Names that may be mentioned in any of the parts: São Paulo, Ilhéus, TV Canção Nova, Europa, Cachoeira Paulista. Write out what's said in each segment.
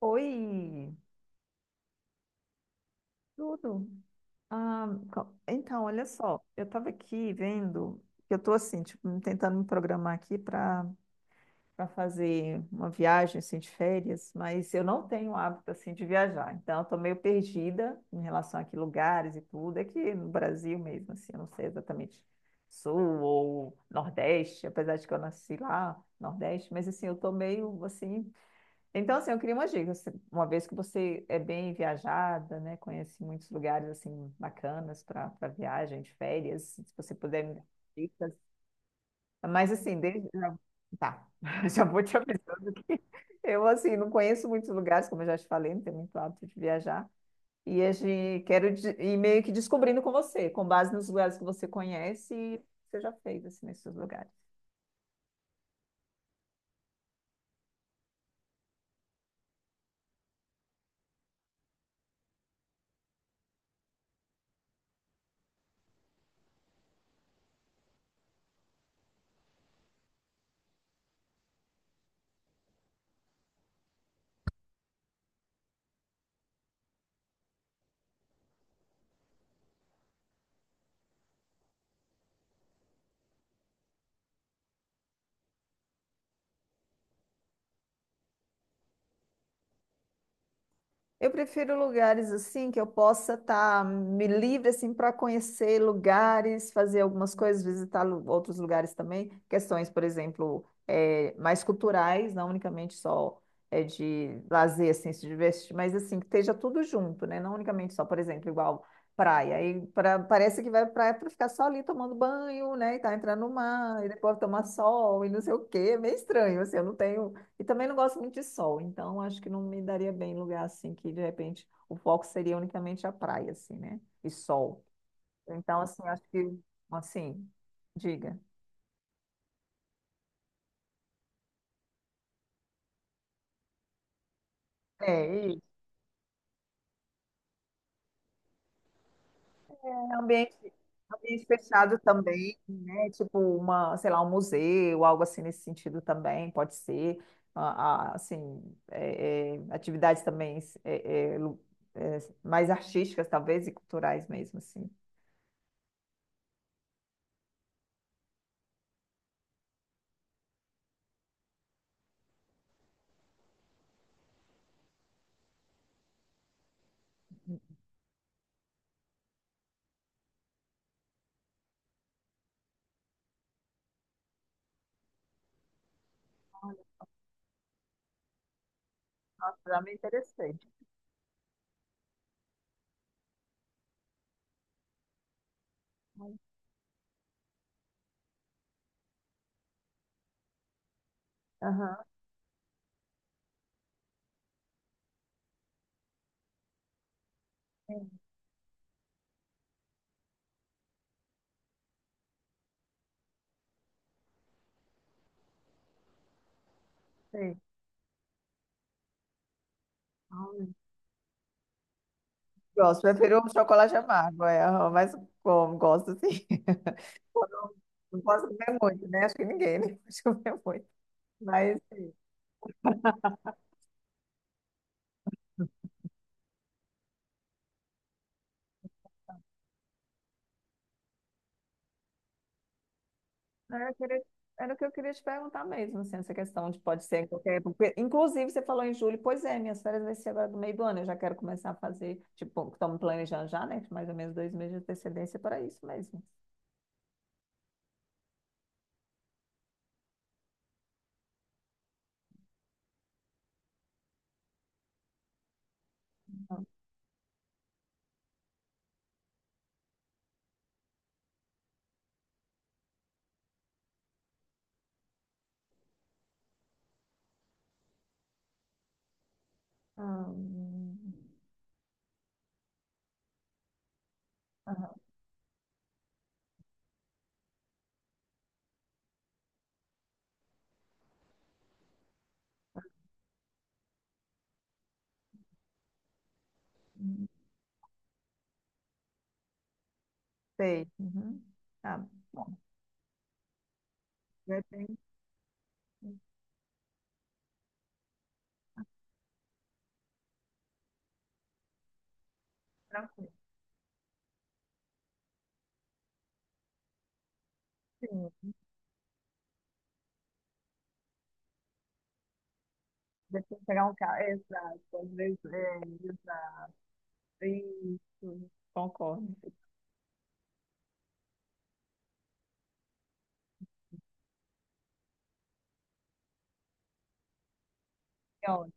Oi, tudo? Ah, então, olha só, eu estava aqui vendo, eu estou assim, tipo, tentando me programar aqui para fazer uma viagem assim de férias, mas eu não tenho hábito assim de viajar, então eu tô meio perdida em relação a que lugares e tudo, aqui no Brasil mesmo, assim, eu não sei exatamente sul ou nordeste, apesar de que eu nasci lá, nordeste, mas assim, eu tô meio assim. Então, assim, eu queria umas dicas. Uma vez que você é bem viajada, né, conhece muitos lugares assim bacanas para viagem, de férias, se você puder me dar dicas. Mas assim, tá, já vou te avisando que eu assim não conheço muitos lugares, como eu já te falei, não tenho muito hábito de viajar. E a gente ir meio que descobrindo com você, com base nos lugares que você conhece e você já fez assim nesses lugares. Eu prefiro lugares assim que eu possa estar me livre assim para conhecer lugares, fazer algumas coisas, visitar outros lugares também. Questões, por exemplo, mais culturais, não unicamente só de lazer, assim, se divertir, mas assim que esteja tudo junto, né? Não unicamente só, por exemplo, igual praia. Parece que vai pra praia para ficar só ali tomando banho, né? E tá entrando no mar e depois tomar sol e não sei o quê. É meio estranho, assim. Eu não tenho, e também não gosto muito de sol, então acho que não me daria bem em lugar assim, que de repente o foco seria unicamente a praia, assim, né? E sol. Então, assim, acho que, assim, diga. É, e é ambiente, ambiente fechado também, né? Tipo uma, sei lá, um museu, algo assim nesse sentido também, pode ser. Assim, atividades também mais artísticas, talvez, e culturais mesmo, assim. Nossa, já me interessei. Aham. Sei. Ah, gosto, prefiro um chocolate amargo, é, aham, mas como, gosto sim. Eu não, não posso comer muito, né? Acho que ninguém, né? Pode comer muito. Mas sim. Era, queria- Era o que eu queria te perguntar mesmo, assim, essa questão de pode ser em qualquer época. Porque, inclusive, você falou em julho, pois é, minhas férias vai ser agora do meio do ano, eu já quero começar a fazer, tipo, estamos planejando já, né? Mais ou menos dois meses de antecedência para isso mesmo. Aham. Ah, hum, aham, hum, sei. Uhum. Tá bom. Já tem. Sim, depois pegar um carro. Exato, às vezes é, exato. Isso, concordo. Que ótimo,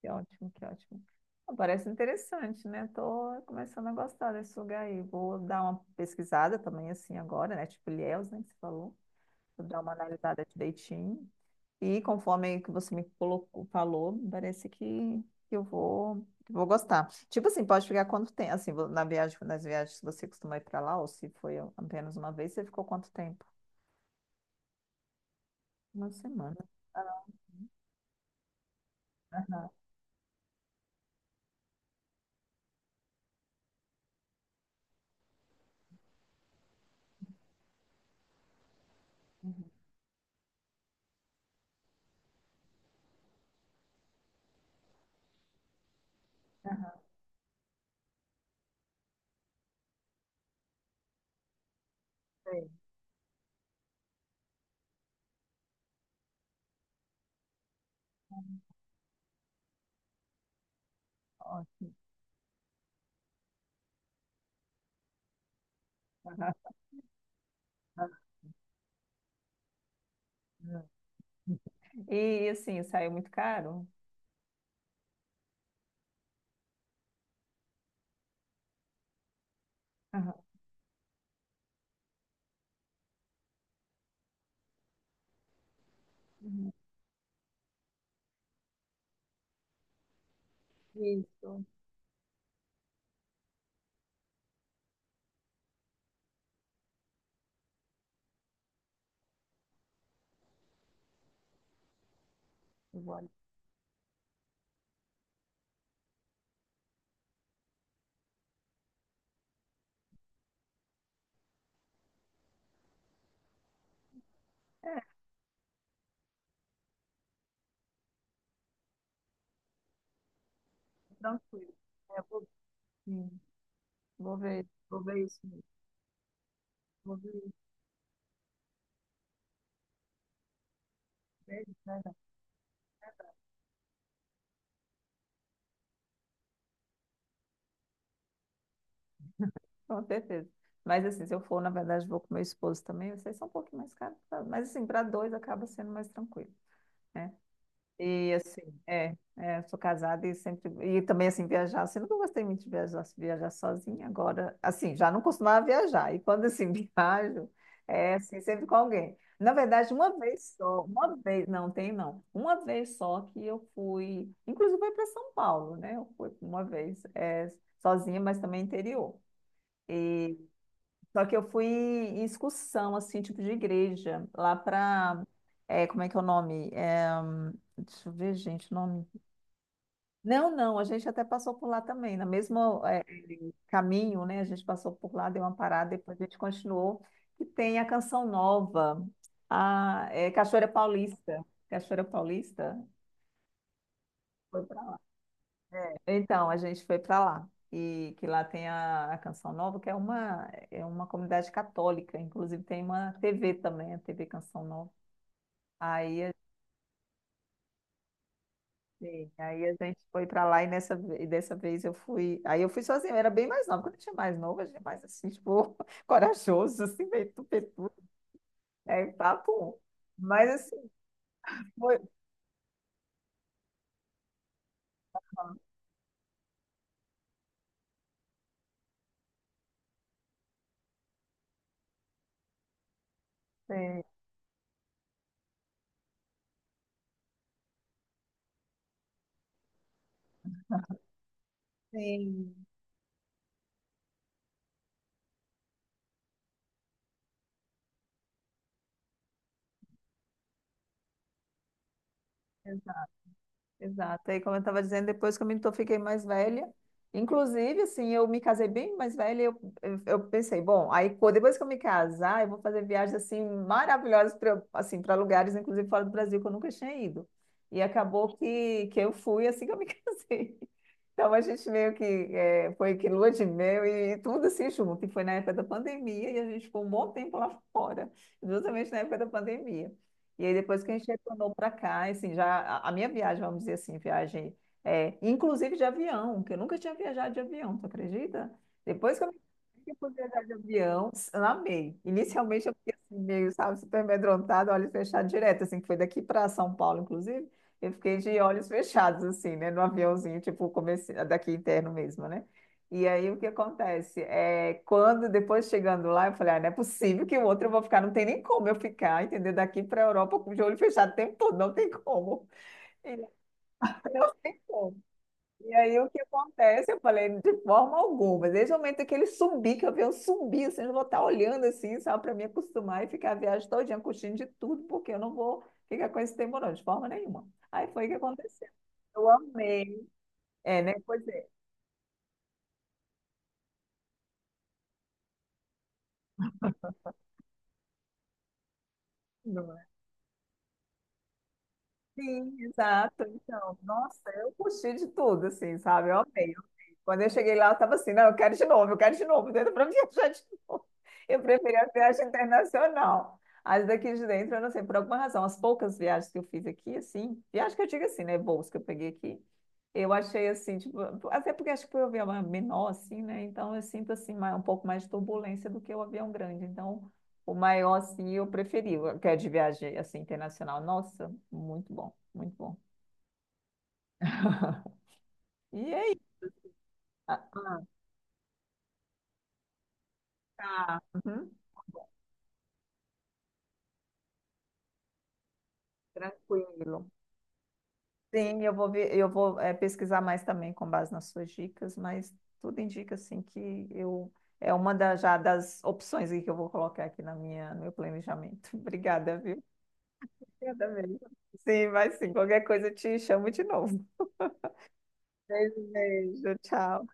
que ótimo, que ótimo. Ah, parece interessante, né? Tô começando a gostar desse lugar aí. Vou dar uma pesquisada também, assim, agora, né? Tipo Ilhéus, né, que você falou. Vou dar uma analisada direitinho. E conforme que você me colocou, falou, parece que que eu vou, que eu vou gostar. Tipo assim, pode ficar quanto tempo? Assim, na viagem, nas viagens, se você costuma ir para lá, ou se foi apenas uma vez, você ficou quanto tempo? Uma semana. Aham, uhum, aham, é. Ótimo. Aham, aham, e assim, saiu muito caro? Aham. Isso, eu vou olhar. É, tranquilo. É, vou, Sim. Vou ver isso mesmo. Vou ver isso mesmo, né? Com certeza. Mas assim, se eu for, na verdade, vou com meu esposo também, vocês são um pouquinho mais caros, tá? Mas assim, para dois acaba sendo mais tranquilo, né? E assim, sou casada e sempre. E também, assim, viajar, assim, nunca gostei muito de viajar, assim, viajar sozinha. Agora, assim, já não costumava viajar. E quando, assim, viajo, é, assim, sempre com alguém. Na verdade, uma vez só, uma vez, não, tem não. Uma vez só que eu fui, inclusive foi para São Paulo, né? Eu fui uma vez, é, sozinha, mas também interior. Só que eu fui em excursão, assim, tipo de igreja, lá pra. É, como é que é o nome? É, deixa eu ver, gente, o nome. Não, não, a gente até passou por lá também, no mesmo caminho, né? A gente passou por lá, deu uma parada, depois a gente continuou. E tem a Canção Nova, a Cachoeira Paulista. Cachoeira Paulista foi para lá. Então, a gente foi para lá. E que lá tem a Canção Nova, que é uma comunidade católica, inclusive tem uma TV também, a TV Canção Nova. Aí sim, aí a gente foi pra lá e dessa vez eu fui. Aí eu fui sozinha, eu era bem mais nova. Quando eu tinha mais nova, a gente é mais assim, tipo, corajoso, assim, meio tupetu, é papo. Mas assim, foi. Sim, sim, exato. Aí, como eu estava dizendo, depois que eu fiquei mais velha, inclusive, assim, eu me casei bem mais velha, e eu pensei, bom, depois que eu me casar, eu vou fazer viagens, assim, maravilhosas para assim, para lugares, inclusive fora do Brasil, que eu nunca tinha ido. E acabou que eu fui assim que eu me casei. Então, a gente meio que foi que lua de mel e tudo assim junto. E foi na época da pandemia e a gente ficou um bom tempo lá fora, justamente na época da pandemia. E aí depois que a gente retornou para cá, assim, já a minha viagem, vamos dizer assim, viagem, é, inclusive de avião, que eu nunca tinha viajado de avião, tu acredita? Depois que eu me fui viajar de avião, amei. Inicialmente eu fiquei assim, meio, sabe, super amedrontada, olhos fechados direto, assim, que foi daqui para São Paulo, inclusive, eu fiquei de olhos fechados, assim, né, no aviãozinho, tipo, comecei, daqui interno mesmo, né? E aí o que acontece? É, quando depois chegando lá, eu falei, ah, não é possível que o outro eu vou ficar, não tem nem como eu ficar, entendeu? Daqui para a Europa com o olho fechado o tempo todo, não tem como. E não tem como. E aí o que acontece? Eu falei, de forma alguma. Desde o momento que ele subir, que eu vi eu subir, assim, eu vou estar olhando assim, só para me acostumar e ficar a viagem todinha, curtindo de tudo, porque eu não vou ficar com esse tempo, não, de forma nenhuma. Aí foi o que aconteceu. Eu amei. É, né? Pois é. Sim, exato. Então, nossa, eu curti de tudo, assim, sabe? Eu amei, eu amei. Quando eu cheguei lá, eu tava assim, não, eu quero de novo, eu quero de novo, dentro para viajar de novo. Eu preferia a viagem internacional. As daqui de dentro, eu não sei, por alguma razão, as poucas viagens que eu fiz aqui, assim, viagem que eu digo assim, né, voos que eu peguei aqui, eu achei assim, tipo, até porque acho que foi um avião menor, assim, né, então eu sinto, assim, mais- um pouco mais de turbulência do que o avião grande, então... O maior, assim, eu preferi, o que é de viagem, assim, internacional. Nossa, muito bom, muito bom. E aí? Ah, tá. Uhum. Tranquilo. Sim, eu vou ver, eu vou pesquisar mais também com base nas suas dicas, mas tudo indica assim que eu é uma da, já das opções aí que eu vou colocar aqui na minha, no meu planejamento. Obrigada, viu? Obrigada mesmo. Sim, vai sim. Qualquer coisa eu te chamo de novo. Beijo, beijo. Tchau.